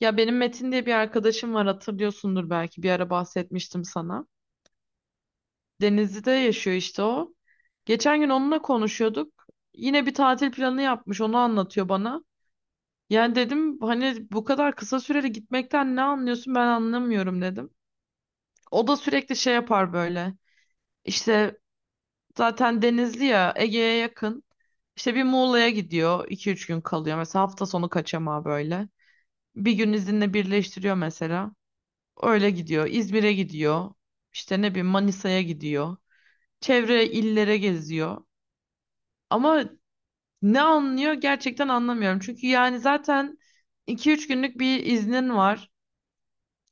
Ya benim Metin diye bir arkadaşım var hatırlıyorsundur belki bir ara bahsetmiştim sana. Denizli'de yaşıyor işte o. Geçen gün onunla konuşuyorduk. Yine bir tatil planı yapmış onu anlatıyor bana. Yani dedim hani bu kadar kısa süreli gitmekten ne anlıyorsun ben anlamıyorum dedim. O da sürekli şey yapar böyle. İşte zaten Denizli ya Ege'ye yakın. İşte bir Muğla'ya gidiyor iki üç gün kalıyor. Mesela hafta sonu kaçamağı böyle. Bir gün izinle birleştiriyor mesela. Öyle gidiyor. İzmir'e gidiyor. İşte ne bileyim Manisa'ya gidiyor. Çevre illere geziyor. Ama ne anlıyor gerçekten anlamıyorum. Çünkü yani zaten iki üç günlük bir iznin var.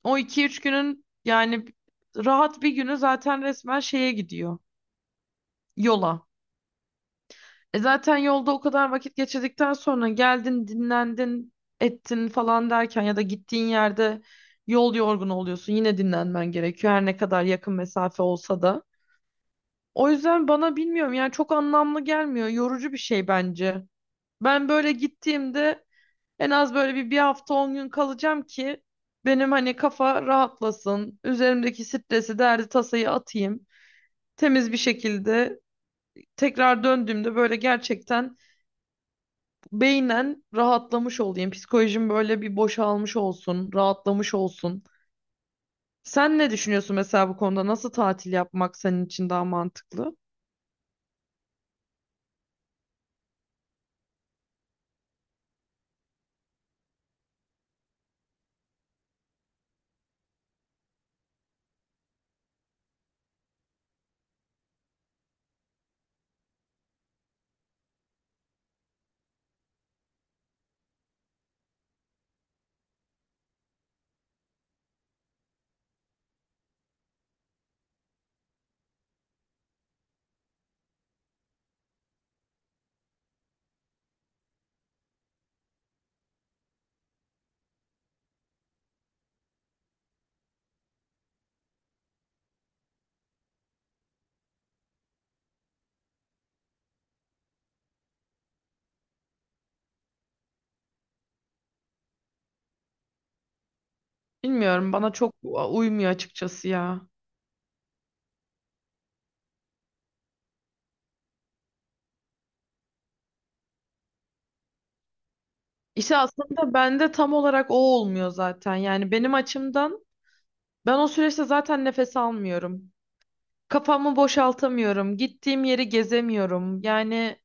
O iki üç günün yani rahat bir günü zaten resmen şeye gidiyor. Yola. E zaten yolda o kadar vakit geçirdikten sonra geldin, dinlendin, ettin falan derken ya da gittiğin yerde yol yorgunu oluyorsun. Yine dinlenmen gerekiyor her ne kadar yakın mesafe olsa da. O yüzden bana bilmiyorum yani çok anlamlı gelmiyor. Yorucu bir şey bence. Ben böyle gittiğimde en az böyle bir hafta 10 gün kalacağım ki benim hani kafa rahatlasın. Üzerimdeki stresi, derdi, tasayı atayım. Temiz bir şekilde tekrar döndüğümde böyle gerçekten beynen rahatlamış olayım. Psikolojim böyle bir boşalmış olsun, rahatlamış olsun. Sen ne düşünüyorsun mesela bu konuda? Nasıl tatil yapmak senin için daha mantıklı? Bilmiyorum, bana çok uymuyor açıkçası ya. İşte aslında bende tam olarak o olmuyor zaten. Yani benim açımdan ben o süreçte zaten nefes almıyorum. Kafamı boşaltamıyorum. Gittiğim yeri gezemiyorum. Yani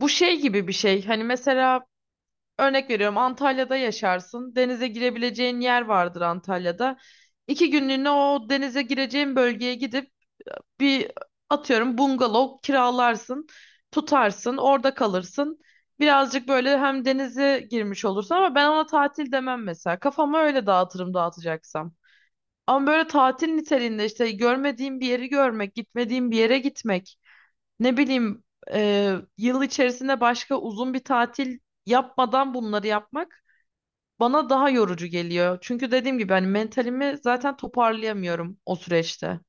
bu şey gibi bir şey. Hani mesela örnek veriyorum Antalya'da yaşarsın. Denize girebileceğin yer vardır Antalya'da. İki günlüğüne o denize gireceğin bölgeye gidip bir atıyorum bungalov kiralarsın. Tutarsın orada kalırsın. Birazcık böyle hem denize girmiş olursun ama ben ona tatil demem mesela. Kafamı öyle dağıtırım dağıtacaksam. Ama böyle tatil niteliğinde işte görmediğim bir yeri görmek, gitmediğim bir yere gitmek. Ne bileyim yıl içerisinde başka uzun bir tatil yapmadan bunları yapmak bana daha yorucu geliyor. Çünkü dediğim gibi hani mentalimi zaten toparlayamıyorum o süreçte.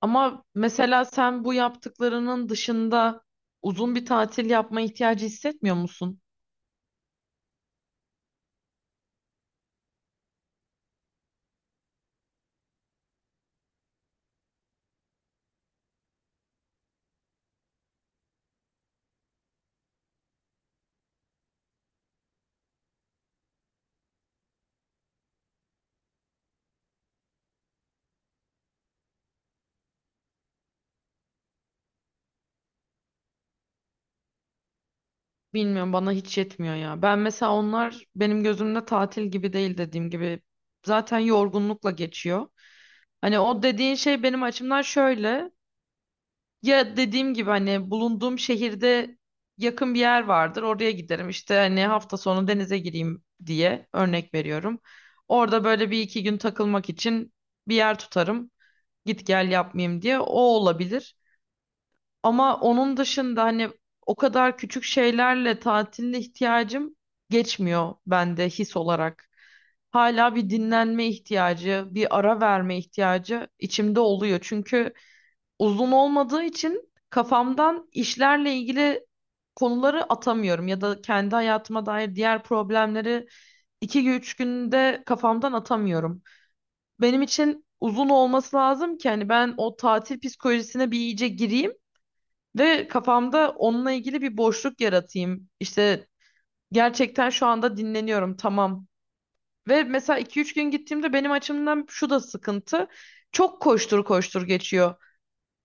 Ama mesela sen bu yaptıklarının dışında uzun bir tatil yapma ihtiyacı hissetmiyor musun? Bilmiyorum bana hiç yetmiyor ya. Ben mesela onlar benim gözümde tatil gibi değil dediğim gibi. Zaten yorgunlukla geçiyor. Hani o dediğin şey benim açımdan şöyle. Ya dediğim gibi hani bulunduğum şehirde yakın bir yer vardır. Oraya giderim. İşte hani hafta sonu denize gireyim diye örnek veriyorum. Orada böyle bir iki gün takılmak için bir yer tutarım. Git gel yapmayayım diye. O olabilir. Ama onun dışında hani o kadar küçük şeylerle tatiline ihtiyacım geçmiyor bende his olarak. Hala bir dinlenme ihtiyacı, bir ara verme ihtiyacı içimde oluyor. Çünkü uzun olmadığı için kafamdan işlerle ilgili konuları atamıyorum ya da kendi hayatıma dair diğer problemleri iki üç günde kafamdan atamıyorum. Benim için uzun olması lazım ki hani ben o tatil psikolojisine bir iyice gireyim ve kafamda onunla ilgili bir boşluk yaratayım. İşte gerçekten şu anda dinleniyorum tamam. Ve mesela iki üç gün gittiğimde benim açımdan şu da sıkıntı. Çok koştur koştur geçiyor.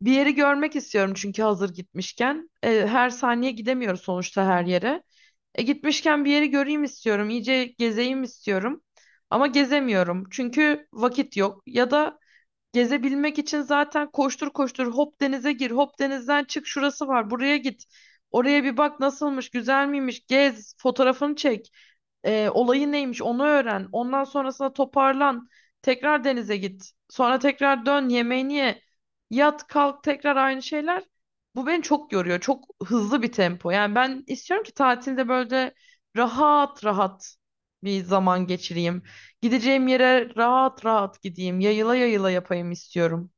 Bir yeri görmek istiyorum çünkü hazır gitmişken. Her saniye gidemiyoruz sonuçta her yere. Gitmişken bir yeri göreyim istiyorum, iyice gezeyim istiyorum. Ama gezemiyorum çünkü vakit yok. Ya da gezebilmek için zaten koştur koştur hop denize gir, hop denizden çık, şurası var, buraya git. Oraya bir bak nasılmış, güzel miymiş, gez, fotoğrafını çek. Olayı neymiş onu öğren. Ondan sonrasında toparlan. Tekrar denize git. Sonra tekrar dön yemeğini ye. Yat kalk tekrar aynı şeyler. Bu beni çok yoruyor. Çok hızlı bir tempo. Yani ben istiyorum ki tatilde böyle rahat rahat bir zaman geçireyim. Gideceğim yere rahat rahat gideyim. Yayıla yayıla yapayım istiyorum.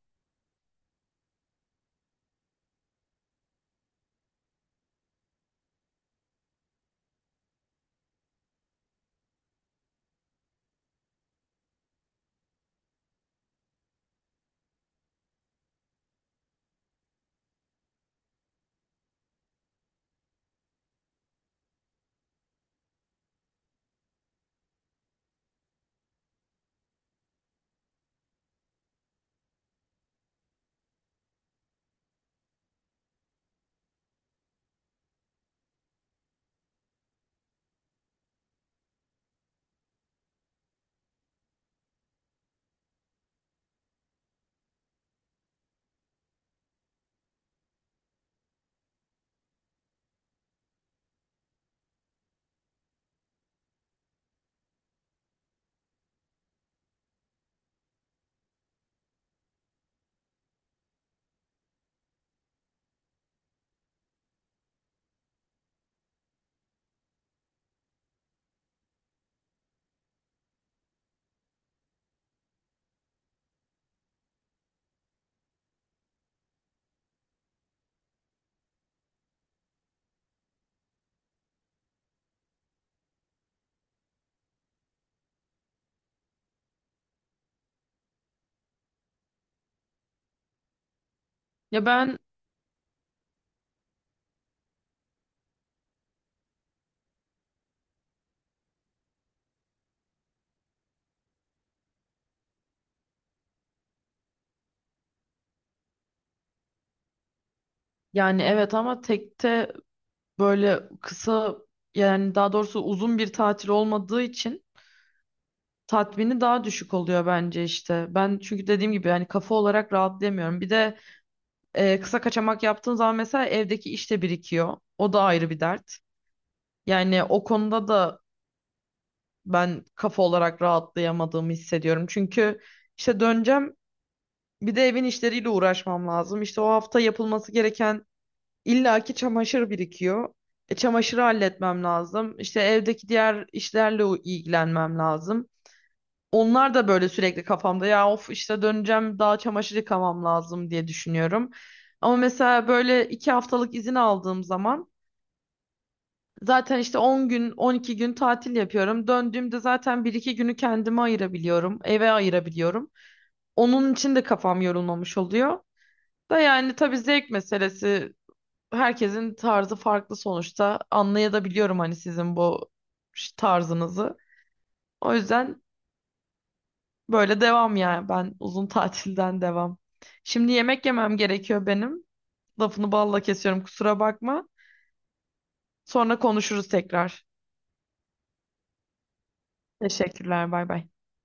Ya ben yani evet ama tekte böyle kısa yani daha doğrusu uzun bir tatil olmadığı için tatmini daha düşük oluyor bence işte. Ben çünkü dediğim gibi yani kafa olarak rahatlayamıyorum. Bir de kısa kaçamak yaptığın zaman mesela evdeki iş de birikiyor. O da ayrı bir dert. Yani o konuda da ben kafa olarak rahatlayamadığımı hissediyorum. Çünkü işte döneceğim bir de evin işleriyle uğraşmam lazım. İşte o hafta yapılması gereken illaki çamaşır birikiyor. Çamaşırı halletmem lazım. İşte evdeki diğer işlerle ilgilenmem lazım. Onlar da böyle sürekli kafamda ya of işte döneceğim daha çamaşır yıkamam lazım diye düşünüyorum. Ama mesela böyle iki haftalık izin aldığım zaman zaten işte 10 gün 12 gün tatil yapıyorum. Döndüğümde zaten bir iki günü kendime ayırabiliyorum. Eve ayırabiliyorum. Onun için de kafam yorulmamış oluyor. Da yani tabii zevk meselesi herkesin tarzı farklı sonuçta anlayabiliyorum hani sizin bu tarzınızı. O yüzden böyle devam yani ben uzun tatilden devam. Şimdi yemek yemem gerekiyor benim. Lafını balla kesiyorum kusura bakma. Sonra konuşuruz tekrar. Teşekkürler bay bay.